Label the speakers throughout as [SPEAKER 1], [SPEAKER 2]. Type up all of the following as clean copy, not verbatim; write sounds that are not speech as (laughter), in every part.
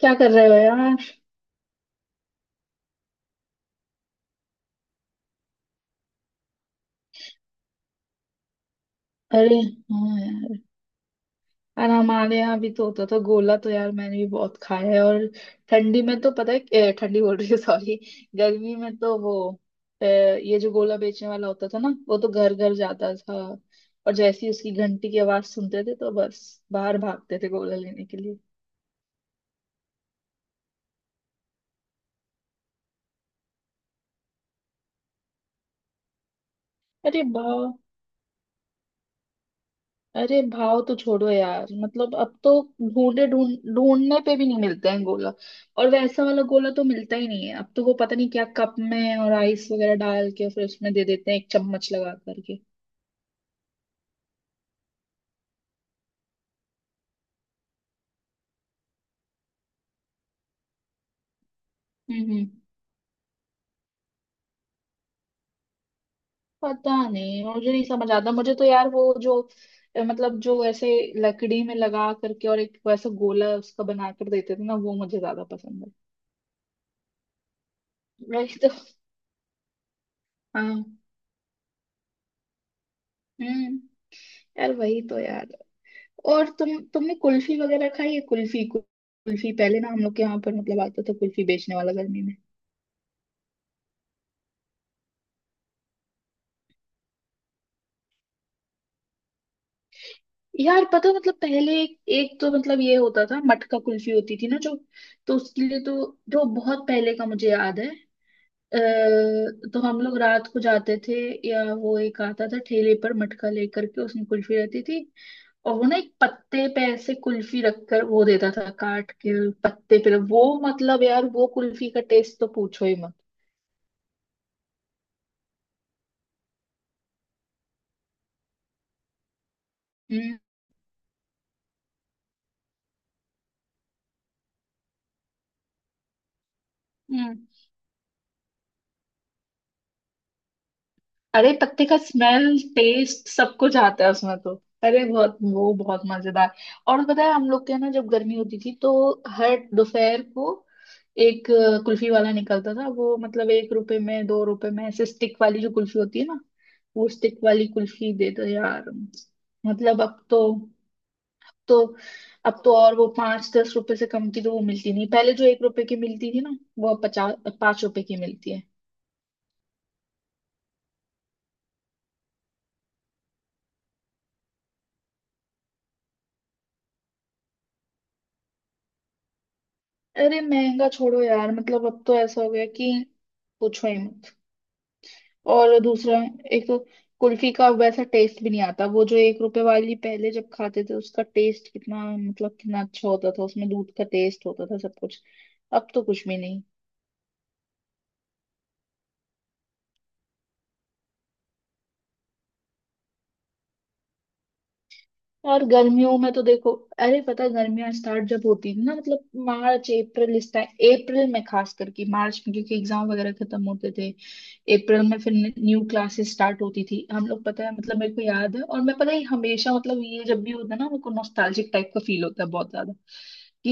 [SPEAKER 1] क्या कर रहे हो यार? अरे हाँ यार। और हमारे यहाँ भी तो होता था गोला। तो यार मैंने भी बहुत खाया है। और ठंडी में तो पता है ठंडी बोल रही हूँ (laughs) सॉरी। गर्मी में तो वो ये जो गोला बेचने वाला होता था ना वो तो घर घर जाता था। और जैसे ही उसकी घंटी की आवाज सुनते थे तो बस बाहर भागते थे गोला लेने के लिए। अरे वाह। अरे भाव तो छोड़ो यार। मतलब अब तो ढूंढे ढूंढ ढूंढने पे भी नहीं मिलते हैं गोला। और वैसा वाला गोला तो मिलता ही नहीं है अब तो। वो पता नहीं क्या कप में और आइस वगैरह डाल के फिर उसमें दे देते हैं एक चम्मच लगा करके। हम्म हम्म पता नहीं, मुझे नहीं समझ आता। मुझे तो यार वो जो मतलब जो ऐसे लकड़ी में लगा करके और एक वैसा गोला उसका बना कर देते थे ना वो मुझे ज्यादा पसंद है। वही तो। हाँ। हम्म। यार वही तो यार। और तुमने कुल्फी वगैरह खाई है? कुल्फी। कुल्फी पहले ना हम लोग के यहाँ पर मतलब आता था कुल्फी बेचने वाला गर्मी में। यार पता है, मतलब पहले एक तो मतलब ये होता था मटका कुल्फी होती थी ना जो, तो उसके लिए तो जो बहुत पहले का मुझे याद है तो हम लोग रात को जाते थे, या वो एक आता था ठेले पर मटका लेकर के उसमें कुल्फी रहती थी। और वो ना एक पत्ते पे ऐसे कुल्फी रखकर वो देता था काट के पत्ते पे। वो मतलब यार वो कुल्फी का टेस्ट तो पूछो ही मत। हम्म हम्म। अरे पत्ते का स्मेल टेस्ट सब कुछ आता है उसमें तो। अरे बहुत वो बहुत मजेदार। और पता है हम लोग के ना जब गर्मी होती थी तो हर दोपहर को एक कुल्फी वाला निकलता था। वो मतलब एक रुपए में दो रुपए में ऐसे स्टिक वाली जो कुल्फी होती है ना, वो स्टिक वाली कुल्फी दे दो यार। मतलब अब तो अब तो और वो पांच दस रुपए से कम की तो वो मिलती नहीं। पहले जो एक रुपए की मिलती थी ना वो अब पचास, पांच रुपए की मिलती है। अरे महंगा छोड़ो यार। मतलब अब तो ऐसा हो गया कि पूछो ही मत। और दूसरा, एक तो कुल्फी का वैसा टेस्ट भी नहीं आता। वो जो एक रुपए वाली पहले जब खाते थे उसका टेस्ट कितना मतलब कितना अच्छा होता था। उसमें दूध का टेस्ट होता था सब कुछ। अब तो कुछ भी नहीं। और गर्मियों में तो देखो, अरे पता है गर्मियां स्टार्ट जब होती है ना मतलब मार्च अप्रैल इस टाइम, अप्रैल में खास करके मार्च में क्योंकि एग्जाम वगैरह खत्म होते थे। अप्रैल में फिर न्यू क्लासेस स्टार्ट होती थी। हम लोग पता है मतलब मेरे को याद है और मैं पता है हमेशा मतलब ये जब भी होता है ना मेरे को नॉस्टैल्जिक टाइप का फील होता है बहुत ज्यादा कि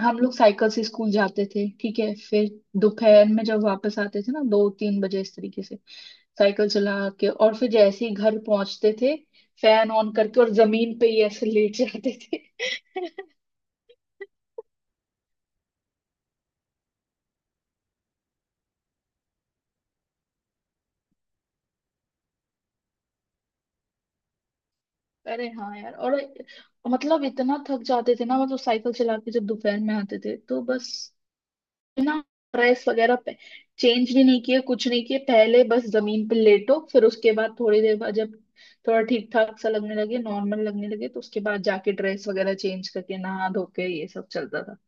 [SPEAKER 1] हम लोग साइकिल से स्कूल जाते थे ठीक है, फिर दोपहर में जब वापस आते थे ना दो तीन बजे इस तरीके से साइकिल चला के और फिर जैसे ही घर पहुंचते थे फैन ऑन करके और जमीन पे ही ऐसे लेट जाते थे। (laughs) अरे हाँ यार। और मतलब इतना थक जाते थे ना मतलब साइकिल चला के जब दोपहर में आते थे तो बस ना, ड्रेस वगैरह पे चेंज भी नहीं किए कुछ नहीं किए, पहले बस जमीन पे लेटो फिर उसके बाद थोड़ी देर बाद जब थोड़ा ठीक ठाक सा लगने लगे, नॉर्मल लगने लगे तो उसके बाद जाके ड्रेस वगैरह चेंज करके नहा धो के ये सब चलता था।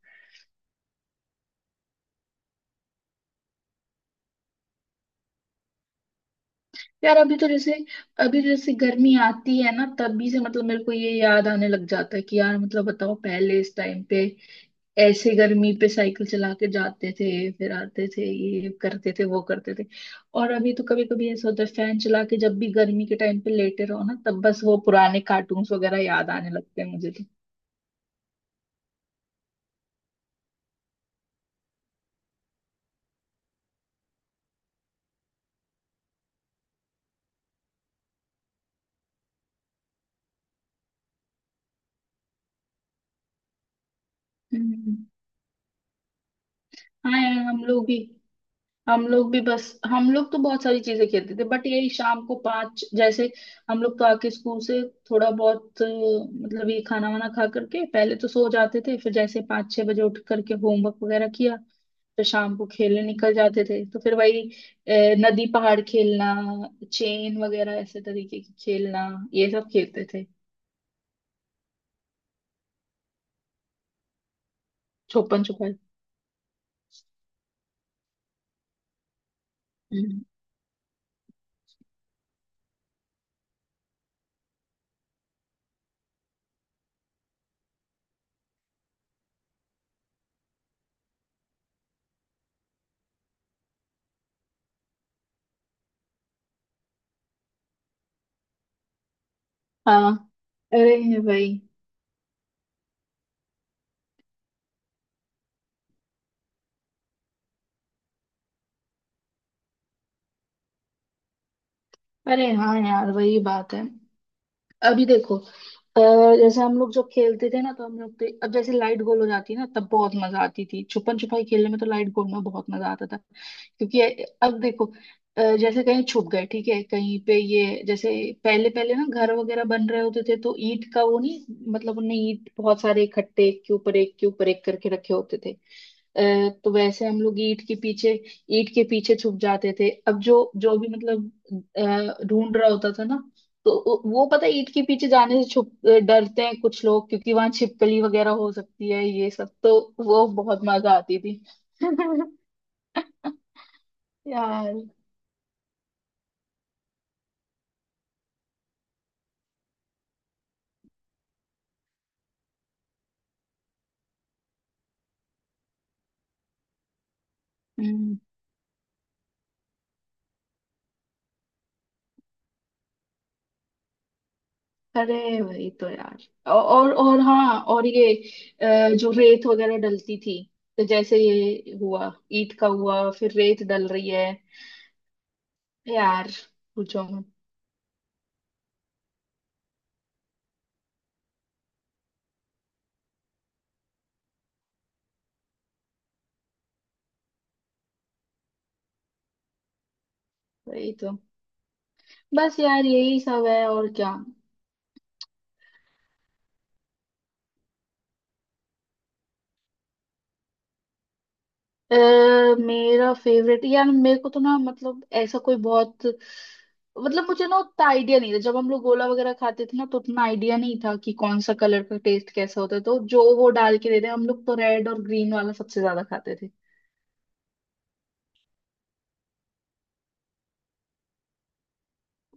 [SPEAKER 1] यार अभी तो जैसे गर्मी आती है ना तभी से मतलब मेरे को ये याद आने लग जाता है कि यार मतलब बताओ पहले इस टाइम पे ऐसे गर्मी पे साइकिल चला के जाते थे, फिर आते थे ये करते थे वो करते थे। और अभी तो कभी कभी ऐसा होता है फैन चला के जब भी गर्मी के टाइम पे लेटे रहो ना तब बस वो पुराने कार्टून्स वगैरह याद आने लगते हैं मुझे तो। हम्म। हाँ यार हम लोग भी बस। हम लोग तो बहुत सारी चीजें खेलते थे बट यही शाम को पाँच जैसे हम लोग तो आके स्कूल से थोड़ा बहुत मतलब ये खाना वाना खा करके पहले तो सो जाते थे, फिर जैसे पाँच छह बजे उठ करके होमवर्क वगैरह किया, फिर शाम को खेलने निकल जाते थे तो फिर वही अ, नदी पहाड़ खेलना, चेन वगैरह ऐसे तरीके की खेलना। ये सब खेलते थे। छुपन छुपाई। हम्म। हाँ। अरे भाई। अरे हाँ यार वही बात है। अभी देखो, जैसे हम लोग जब खेलते थे ना तो हम लोग तो अब जैसे लाइट गोल हो जाती है ना तब बहुत मजा आती थी छुपन छुपाई खेलने में, तो लाइट गोल में बहुत मजा आता था क्योंकि अब देखो जैसे कहीं छुप गए ठीक है कहीं पे ये जैसे पहले पहले ना घर वगैरह बन रहे होते थे तो ईंट का वो नहीं, मतलब उनने ईंट बहुत सारे इकट्ठे एक के ऊपर एक के ऊपर एक करके रखे होते थे। तो वैसे हम लोग ईंट के पीछे छुप जाते थे। अब जो जो भी मतलब ढूंढ रहा होता था ना तो वो पता है ईंट के पीछे जाने से डरते हैं कुछ लोग क्योंकि वहां छिपकली वगैरह हो सकती है ये सब तो। वो बहुत मजा आती थी। (laughs) यार। हम्म। अरे वही तो यार। और हाँ, और ये जो रेत वगैरह डलती थी तो जैसे ये हुआ ईंट का हुआ फिर रेत डल रही है। यार पूछो मत। वही तो। बस यार यही सब है और क्या। अ, मेरा फेवरेट, यार मेरे को तो ना मतलब ऐसा कोई बहुत मतलब मुझे ना उतना आइडिया नहीं था। जब हम लोग गोला वगैरह खाते थे ना तो उतना आइडिया नहीं था कि कौन सा कलर का टेस्ट कैसा होता है, तो जो वो डाल के देते हैं हम लोग तो रेड और ग्रीन वाला सबसे ज्यादा खाते थे।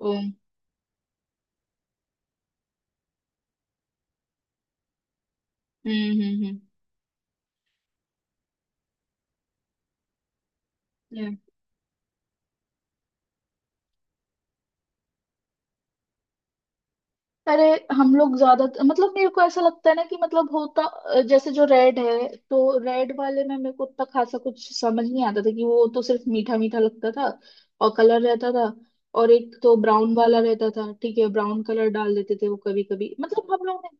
[SPEAKER 1] ओ हम्म। हम्म। yeah। अरे हम लोग ज्यादा मतलब मेरे को ऐसा लगता है ना कि मतलब होता जैसे जो रेड है तो रेड वाले में मेरे को उतना खासा कुछ समझ नहीं आता था कि वो तो सिर्फ मीठा मीठा लगता था, और कलर रहता था। और एक तो ब्राउन वाला रहता था ठीक है, ब्राउन कलर डाल देते थे वो कभी कभी मतलब हम लोग ने।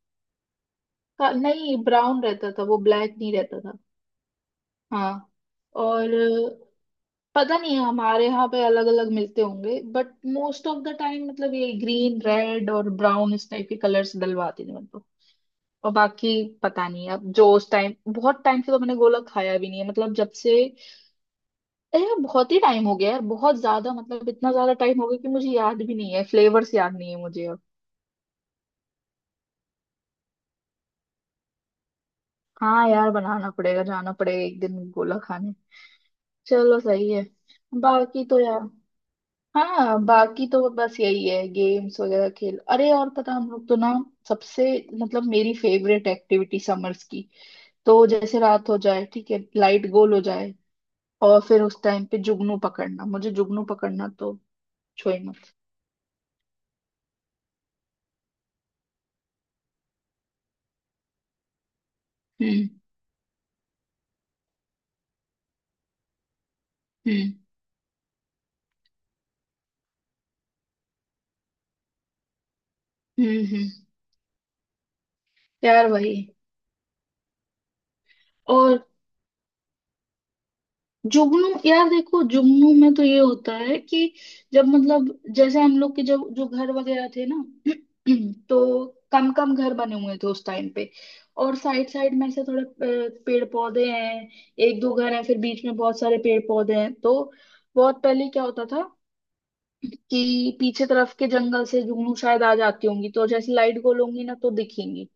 [SPEAKER 1] नहीं, ब्राउन रहता था वो, ब्लैक नहीं रहता था। हाँ। और पता नहीं हमारे यहाँ पे अलग अलग मिलते होंगे but most of the time मतलब ये ग्रीन रेड और ब्राउन इस टाइप के कलर्स डलवाते थे मतलब। और बाकी, पता नहीं, अब जो उस टाइम, बहुत टाइम से तो मैंने गोला खाया भी नहीं है मतलब जब से। अरे यार बहुत ही टाइम हो गया यार बहुत ज्यादा, मतलब इतना ज्यादा टाइम हो गया कि मुझे याद भी नहीं है, फ्लेवर्स याद नहीं है मुझे अब। हाँ यार बनाना पड़ेगा, जाना पड़ेगा एक दिन गोला खाने। चलो सही है। बाकी तो यार, हाँ बाकी तो बस यही है, गेम्स वगैरह खेल। अरे और पता, हम लोग तो ना सबसे मतलब मेरी फेवरेट एक्टिविटी समर्स की, तो जैसे रात हो जाए ठीक है लाइट गोल हो जाए और फिर उस टाइम पे जुगनू पकड़ना। मुझे जुगनू पकड़ना तो छो ही मत। हम्म हम्म हम्म। यार वही। और जुगनू, यार देखो जुगनू में तो ये होता है कि जब मतलब जैसे हम लोग के जब जो घर वगैरह थे ना (clears throat) तो कम कम घर बने हुए थे उस टाइम पे और साइड साइड में ऐसे थोड़े पेड़ पौधे हैं, एक दो घर हैं फिर बीच में बहुत सारे पेड़ पौधे हैं तो बहुत पहले क्या होता था कि पीछे तरफ के जंगल से जुगनू शायद आ जाती होंगी तो जैसे लाइट गोलूंगी ना तो दिखेंगी।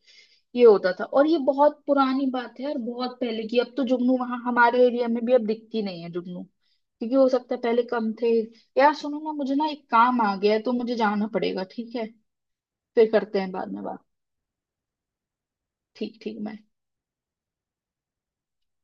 [SPEAKER 1] ये होता था और ये बहुत पुरानी बात है और बहुत पहले की। अब तो जुगनू वहां हमारे एरिया में भी अब दिखती नहीं है जुगनू, क्योंकि हो सकता है पहले कम थे। यार सुनो ना, मुझे ना एक काम आ गया है तो मुझे जाना पड़ेगा ठीक है। फिर करते हैं बाद में बात। ठीक ठीक मैं।